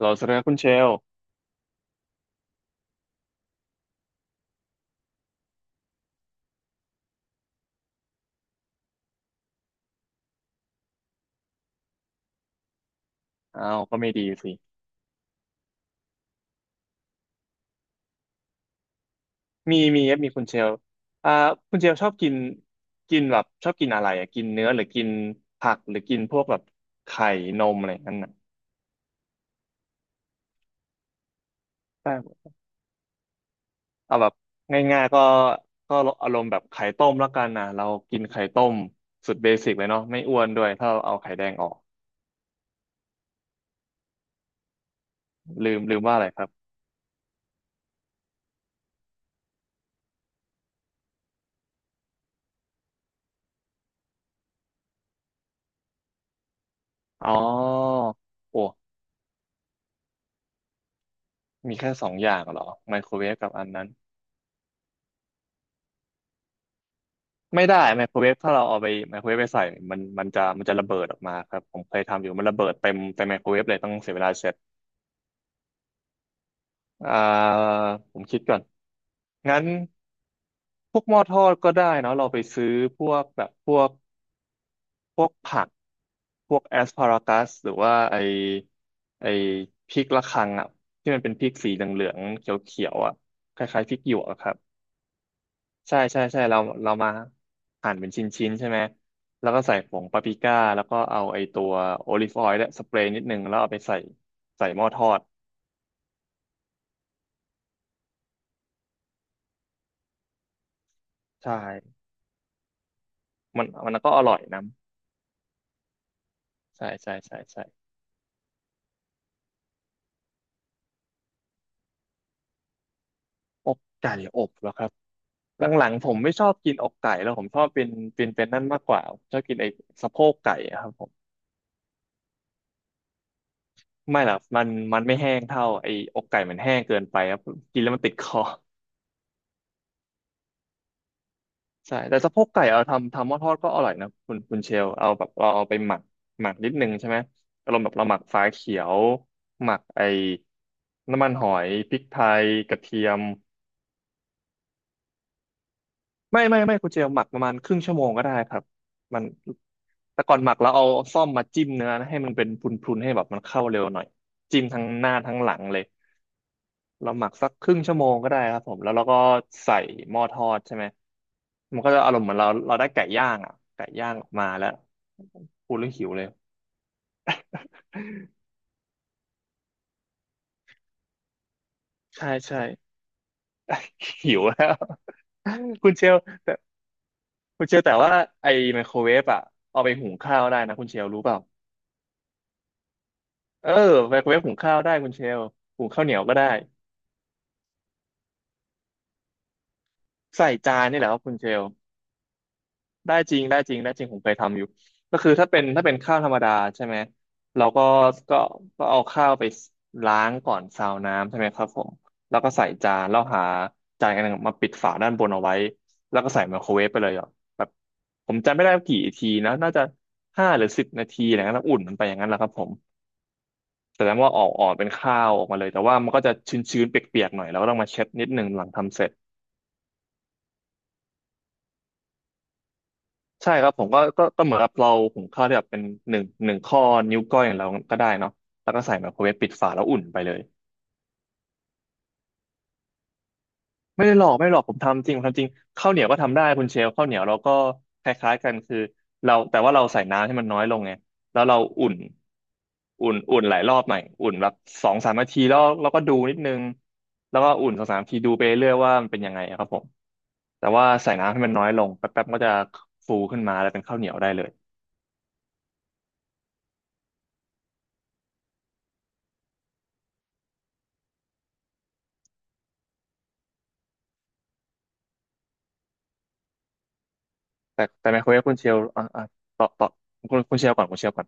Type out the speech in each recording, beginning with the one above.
เราเสนอคุณเชลอ้าว ก็ไม่ดีสิ มี มีครับมีคุณเชลอ่าคุณเชลชอบกินกินแบบชอบกินอะไรอ่ะกินเนื้อหรือกินผักหรือกินพวกแบบไข่นมอะไรนั่นน่ะแต่เอาแบบง่ายๆก็ก็อารมณ์แบบไข่ต้มแล้วกันนะเรากินไข่ต้มสุดเบสิกเลยเนาะไม่อ้วนด้วยถ้าเราเอาไข่แดงออกลืมลืมว่าอะไรครับ อ๋อโอ้มีแค่สองอย่างเหรอไมโครเวฟกับอันนั้น ไม่ได้ไมโครเวฟถ้าเราเอาไปไมโครเวฟไปใส่เนี่ยมันจะจะระเบิดออกมาครับผมเคยทำอยู่มันระเบิดเต็มไมโครเวฟเลยต้องเสียเวลาเสร็จอ่าผมคิดก่อนงั้นพวกหม้อทอดก็ได้เนาะเราไปซื้อพวกพวกผักพวกแอสพารากัสหรือว่าไอพริกระคังอ่ะที่มันเป็นพริกสีเหลืองๆเขียวๆอ่ะคล้ายๆพริกหยวกอะครับ ใช่ใช่ใช่เราเรามาหั่นเป็นชิ้นชิ้นใช่ไหมแล้วก็ใส่ผงปาปริก้าแล้วก็เอาไอตัวโอลิฟออยล์และสเปรย์นิดนึงแล้วเอาไปใส่ใส่หม้อทอดใช่มันมันก็อร่อยนะใช่ใช่ใช่ใช่อกไก่อบเหรอครับหลังๆผมไม่ชอบกินอกไก่แล้วผมชอบเป็นเป็นเป็นนั่นมากกว่าชอบกินไอสะโพกไก่อะครับผมไม่หรอกมันมันไม่แห้งเท่าไออกไก่มันแห้งเกินไปครับกินแล้วมันติดคอ ใช่แต่สะโพกไก่เอาทำทำหม้อทอดก็อร่อยนะคุณคุณเชลเอาแบบเราเอาไปหมักหมักนิดนึงใช่ไหมอารมณ์แบบเราหมักฝาเขียวหมักไอ้น้ำมันหอยพริกไทยกระเทียมไม่คุณเชลหมักประมาณครึ่งชั่วโมงก็ได้ครับมันแต่ก่อนหมักแล้วเอาซ่อมมาจิ้มเนื้อนะให้มันเป็นพรุนๆให้แบบมันเข้าเร็วหน่อยจิ้มทั้งหน้าทั้งหลังเลย เราหมักสักครึ่งชั่วโมงก็ได้ครับผมแล้วเราก็ใส่หม้อทอดใช่ไหมมันก็จะอารมณ์เหมือนเราเราได้ไก่ย่างอ่ะไก่ย่างออกมาแล้วพูดเรื่องหิวเลยใช่ใช่ หิวแล้วคุณเชลแต่คุณเชลแต่ว่าไอ้ไมโครเวฟอ่ะเอาไปหุงข้าวได้นะคุณเชลรู้เปล่าเออไมโครเวฟหุงข้าวได้คุณเชลหุงข้าวเหนียวก็ได้ใส่จานนี่แหละครับคุณเชล ได้จริงได้จริงได้จริงผมเคยทำอยู่ก็คือถ้าเป็นข้าวธรรมดาใช่ไหมเราก็ก็ก็เอาข้าวไปล้างก่อนซาวน้ำใช่ไหมครับผมแล้วก็ใส่จานแล้วหาจานอันหนึ่งมาปิดฝาด้านบนเอาไว้แล้วก็ใส่ไมโครเวฟไปเลยอ่ะแบบผมจำไม่ได้กี่ทีนะน่าจะห้าหรือสิบนาทีอะไรเงี้ยแล้วอุ่นมันไปอย่างนั้นแหละครับผมแต่แล้วว่าออกเป็นข้าวออกมาเลยแต่ว่ามันก็จะชื้นๆเปียกๆหน่อยแล้วก็ต้องมาเช็ดนิดนึงหลังทำเสร็จ ใช่ครับผมก็ก็เหมือนกับเราหุงข้าวที่แบบเป็นหนึ่งข้อนิ้วก้อยของเราก็ได้เนาะแล้วก็ใส่ไมโครเวฟปิดฝาแล้วอุ่นไปเลยไม่ได้หลอกผมทำจริงผมทำจริงข้าวเหนียวก็ทำได้คุณเชลข้าวเหนียวเราก็คล้ายๆกันคือเราแต่ว่าเราใส่น้ำให้มันน้อยลงไงแล้วเราอุ่นอุ่นหลายรอบหน่อยอุ่นแบบสองสามนาทีแล้วเราก็ดูนิดนึงแล้วก็อุ่นสองสามนาทีดูไปเรื่อยว่ามันเป็นยังไงอะครับผมแต่ว่าใส่น้ำให้มันน้อยลงแป๊บๆมันก็จะฟูขึ้นมาแล้วเป็นข้าวเหนียวได้เลย แต่ไมโครเวฟคุณเชลอ่ะต่อคุณคุณเชลก่อนคุณเชลก่อน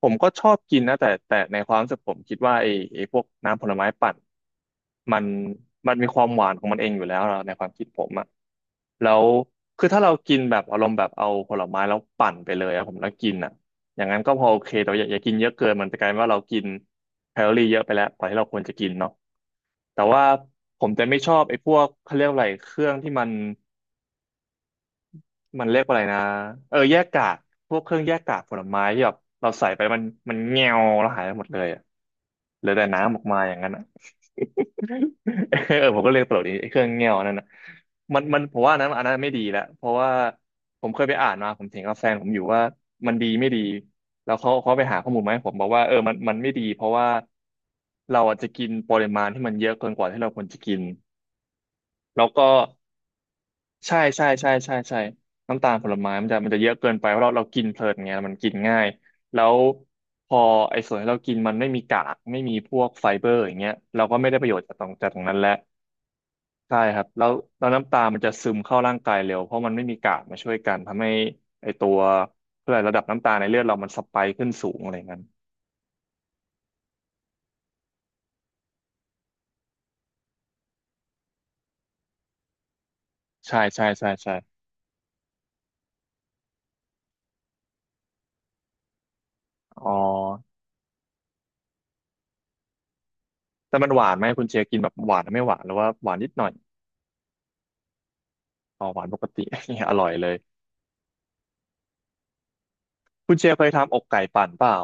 ผมก็ชอบกินนะแต่ในความรู้สึกผมคิดว่าไอ้พวกน้ำผลไม้ปั่นมันมันมีความหวานของมันเองอยู่แล้วนะในความคิดผมอะแล้วคือถ้าเรากินแบบอารมณ์แบบเอาผลไม้แล้วปั่นไปเลยอะผมแล้วกินอะอย่างนั้นก็พอโอเคแต่ว่าอย่ากินเยอะเกินมันจะกลายเป็นว่าเรากินแคลอรี่เยอะไปแล้วกว่าที่เราควรจะกินเนาะแต่ว่าผมจะไม่ชอบไอ้พวกเขาเรียกอะไรเครื่องที่มัน มันเรียกว่าอะไรนะเออแยกกากพวกเครื่องแยกกากผลไม้ที่แบบเราใส่ไปมันมันเงียวแล้วหายไปหมดเลยอะเหลือแต่น้ำออกมาอย่างนั้นอะ เออผมก็เรียกตลกดีไอ้เครื่องเงียวนั่นนะมันผมว่าอันนั้นไม่ดีแล้วเพราะว่าผมเคยไปอ่านมาผมเถียงกับแฟนผมอยู่ว่ามันดีไม่ดีแล้วเขาไปหาข้อมูลมาให้ผมบอกว่าเออมันไม่ดีเพราะว่าเราอาจจะกินปริมาณที่มันเยอะเกินกว่าที่เราควรจะกินแล้วก็ ใช่ใช่ใช่ใช่ใช่น้ำตาลผลไม้มันจะเยอะเกินไปเพราะเรากินเพลินไงมันกินง่ายแล้วพอไอ้ส่วนที่เรากินมันไม่มีกากไม่มีพวกไฟเบอร์อย่างเงี้ยเราก็ไม่ได้ประโยชน์จากตรงนั้นแล้วใช่ครับแล้วน้ำตาลมันจะซึมเข้าร่างกายเร็วเพราะมันไม่มีกากมาช่วยกันทำให้ไอ้ตัวเพื่อระดับน้ำตาลในเลือดเรามันสไปค์ขึ้นสูงอะไรอย่างนั้นใช่ใช่ใช่ใช่อ๋อแต่มันหวานไหมคุณเจกินแบบหวานไม่หวานหรือว่าหวานนิดหน่อยอ๋อหวานปกติ อร่อยเลย คุณเจเคยทำอกไก่ปั่นเปล่า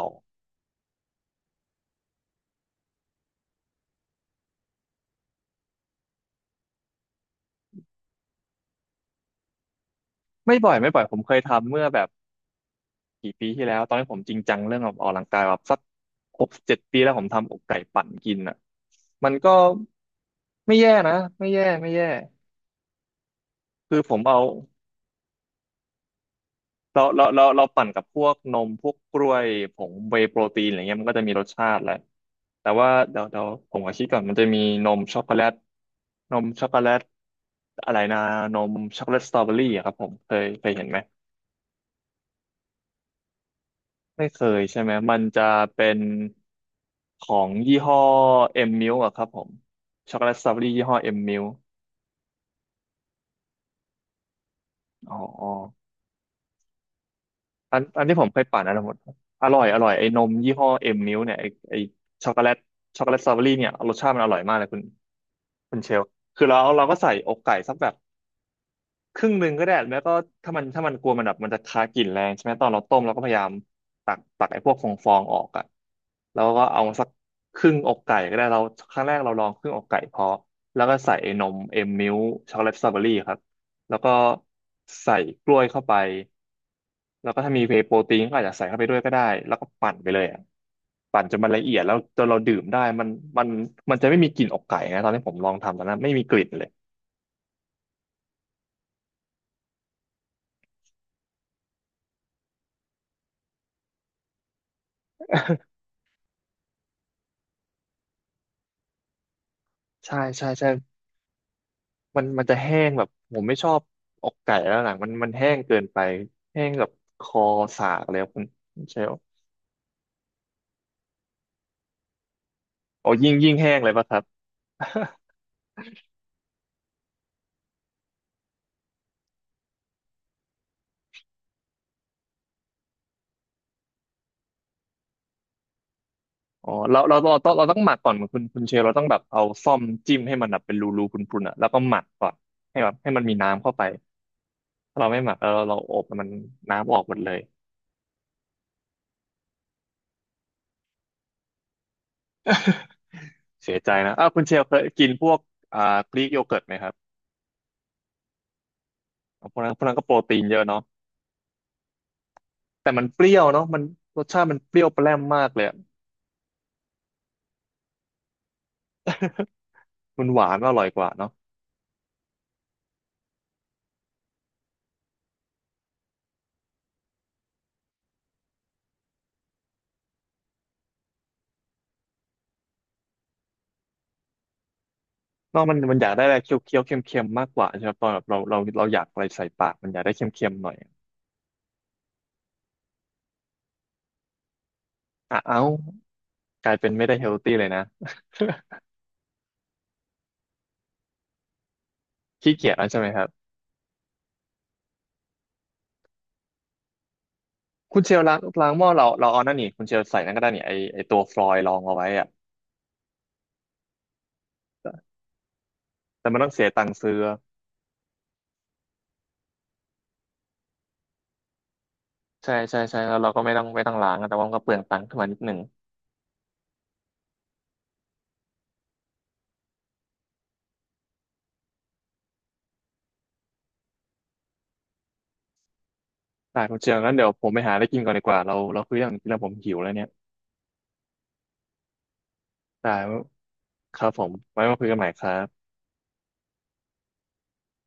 ไม่บ่อยไม่บ่อยผมเคยทำเมื่อแบบกี่ปีที่แล้วตอนนี้ผมจริงจังเรื่องออกกำลังกายแบบสักหกเจ็ดปีแล้วผมทำอกไก่ปั่นกินอ่ะมันก็ไม่แย่นะไม่แย่ไม่แย่คือผมเอาเราปั่นกับพวกนมพวกกล้วยผงเวย์โปรตีนอะไรเงี้ยมันก็จะมีรสชาติแหละแต่ว่าเดี๋ยวผมขอคิดก่อนมันจะมีนมช็อกโกแลตนมช็อกโกแลตอะไรนะนมช็อกโกแลตสตรอเบอรี่อะครับผมเคยเห็นไหม ไม่เคยใช่ไหมมันจะเป็นของยี่ห้อเอ็มมิลอะครับผมช็อกโกแลตสตรอเบอรี่ยี่ห้อเอ็มมิลอ๋ออ๋ออันที่ผมเคยปั่นอันนั้นหมดอร่อยอร่อยไอ้นมยี่ห้อเอ็มมิลเนี่ยไอ้ช็อกโกแลตสตรอเบอรี่เนี่ยรสชาติมันอร่อยมากเลยคุณคุณเชลคือเราก็ใส่อกไก่สักแบบ ครึ่งหนึ่งก็ได้แล้วก็ถ้ามันกลัวมันแบบมันจะคากลิ่นแรงใช่ไหมตอนเราต้มเราก็พยายามตักไอ้พวกฟองออกอ่ะแล้วก็เอาสักครึ่งอกไก่ก็ได้เราครั้งแรกเราลองครึ่งอกไก่พอแล้วก็ใส่ไอ้นมเอ็มมิลช็อกโกแลตสตรอเบอรี่ครับแล้วก็ใส่กล้วยเข้าไปแล้วก็ถ้ามีโปรตีนก็อาจจะใส่เข้าไปด้วยก็ได้แล้วก็ปั่นไปเลยอะปั่นจนมันละเอียดแล้วจนเราดื่มได้มันมันจะไม่มีกลิ่นอกไก่นะตอนที่ผมลองทำตอนนั้นไม่มีกลิ่นเลยใช่ใช่ใช่ มันจะแห้งแบบผมไม่ชอบอกไก่แล้วหลังมันแห้งเกินไปแห้งแบบคอสากแล้วคุณคุณเชลโอ้ยิ่งแห้งเลยป่ะครับ อ๋อเราเราเราต้องเราต้องหมักก่อนคุณคุณเชลเราต้องแบบเอาซ่อมจิ้มให้มันแบบเป็นรูพรุนๆอ่ะแล้วก็หมักก่อนให้แบบให้มันมีน้ำเข้าไปถ้าเราไม่หมักแล้วเราอบมันน้ำออกหมดเลย เสียใจนะอ้าวคุณเชลเคยกินพวกอ่ากรีกโยเกิร์ตไหมครับพวกนั้นก็โปรตีนเยอะเนาะแต่มันเปรี้ยวเนาะมันรสชาติมันเปรี้ยวแปร่มมากเลยอะ มันหวานมันอร่อยกว่าเนาะเนอกมันอยากได้อะไรเคี้ยวเคี้ยวเค็มเค็มๆมากกว่าใช่ไหมตอนแบบเราอยากอะไรใส่ปากมันอยากได้เค็มเค็มหน่อยอ่ะเอากลายเป็นไม่ได้เฮลตี้เลยนะ ขี้เกียจแล้วใช่ไหมครับคุณเชลล้างหม้อเราเอานั่นนี่คุณเชลใส่นั่นก็ได้นี่ไอตัวฟลอยด์รองเอาไว้อะแต่แต่มันต้องเสียตังค์ซื้อใช่ใช่ใช่แล้วเราก็ไม่ต้องล้างอะแต่ว่ามันก็เปลืองตังค์ขึ้นมานิดหนึ่งได้คุณเชลงงั้นเดี๋ยวผมไปหาอะไรกินก่อนดีกว่าเราคุยเรื่องกินแล้วผมหิวแล้วเนี่ยได้ครับผมไว้มาคุยกันใหม่ครับ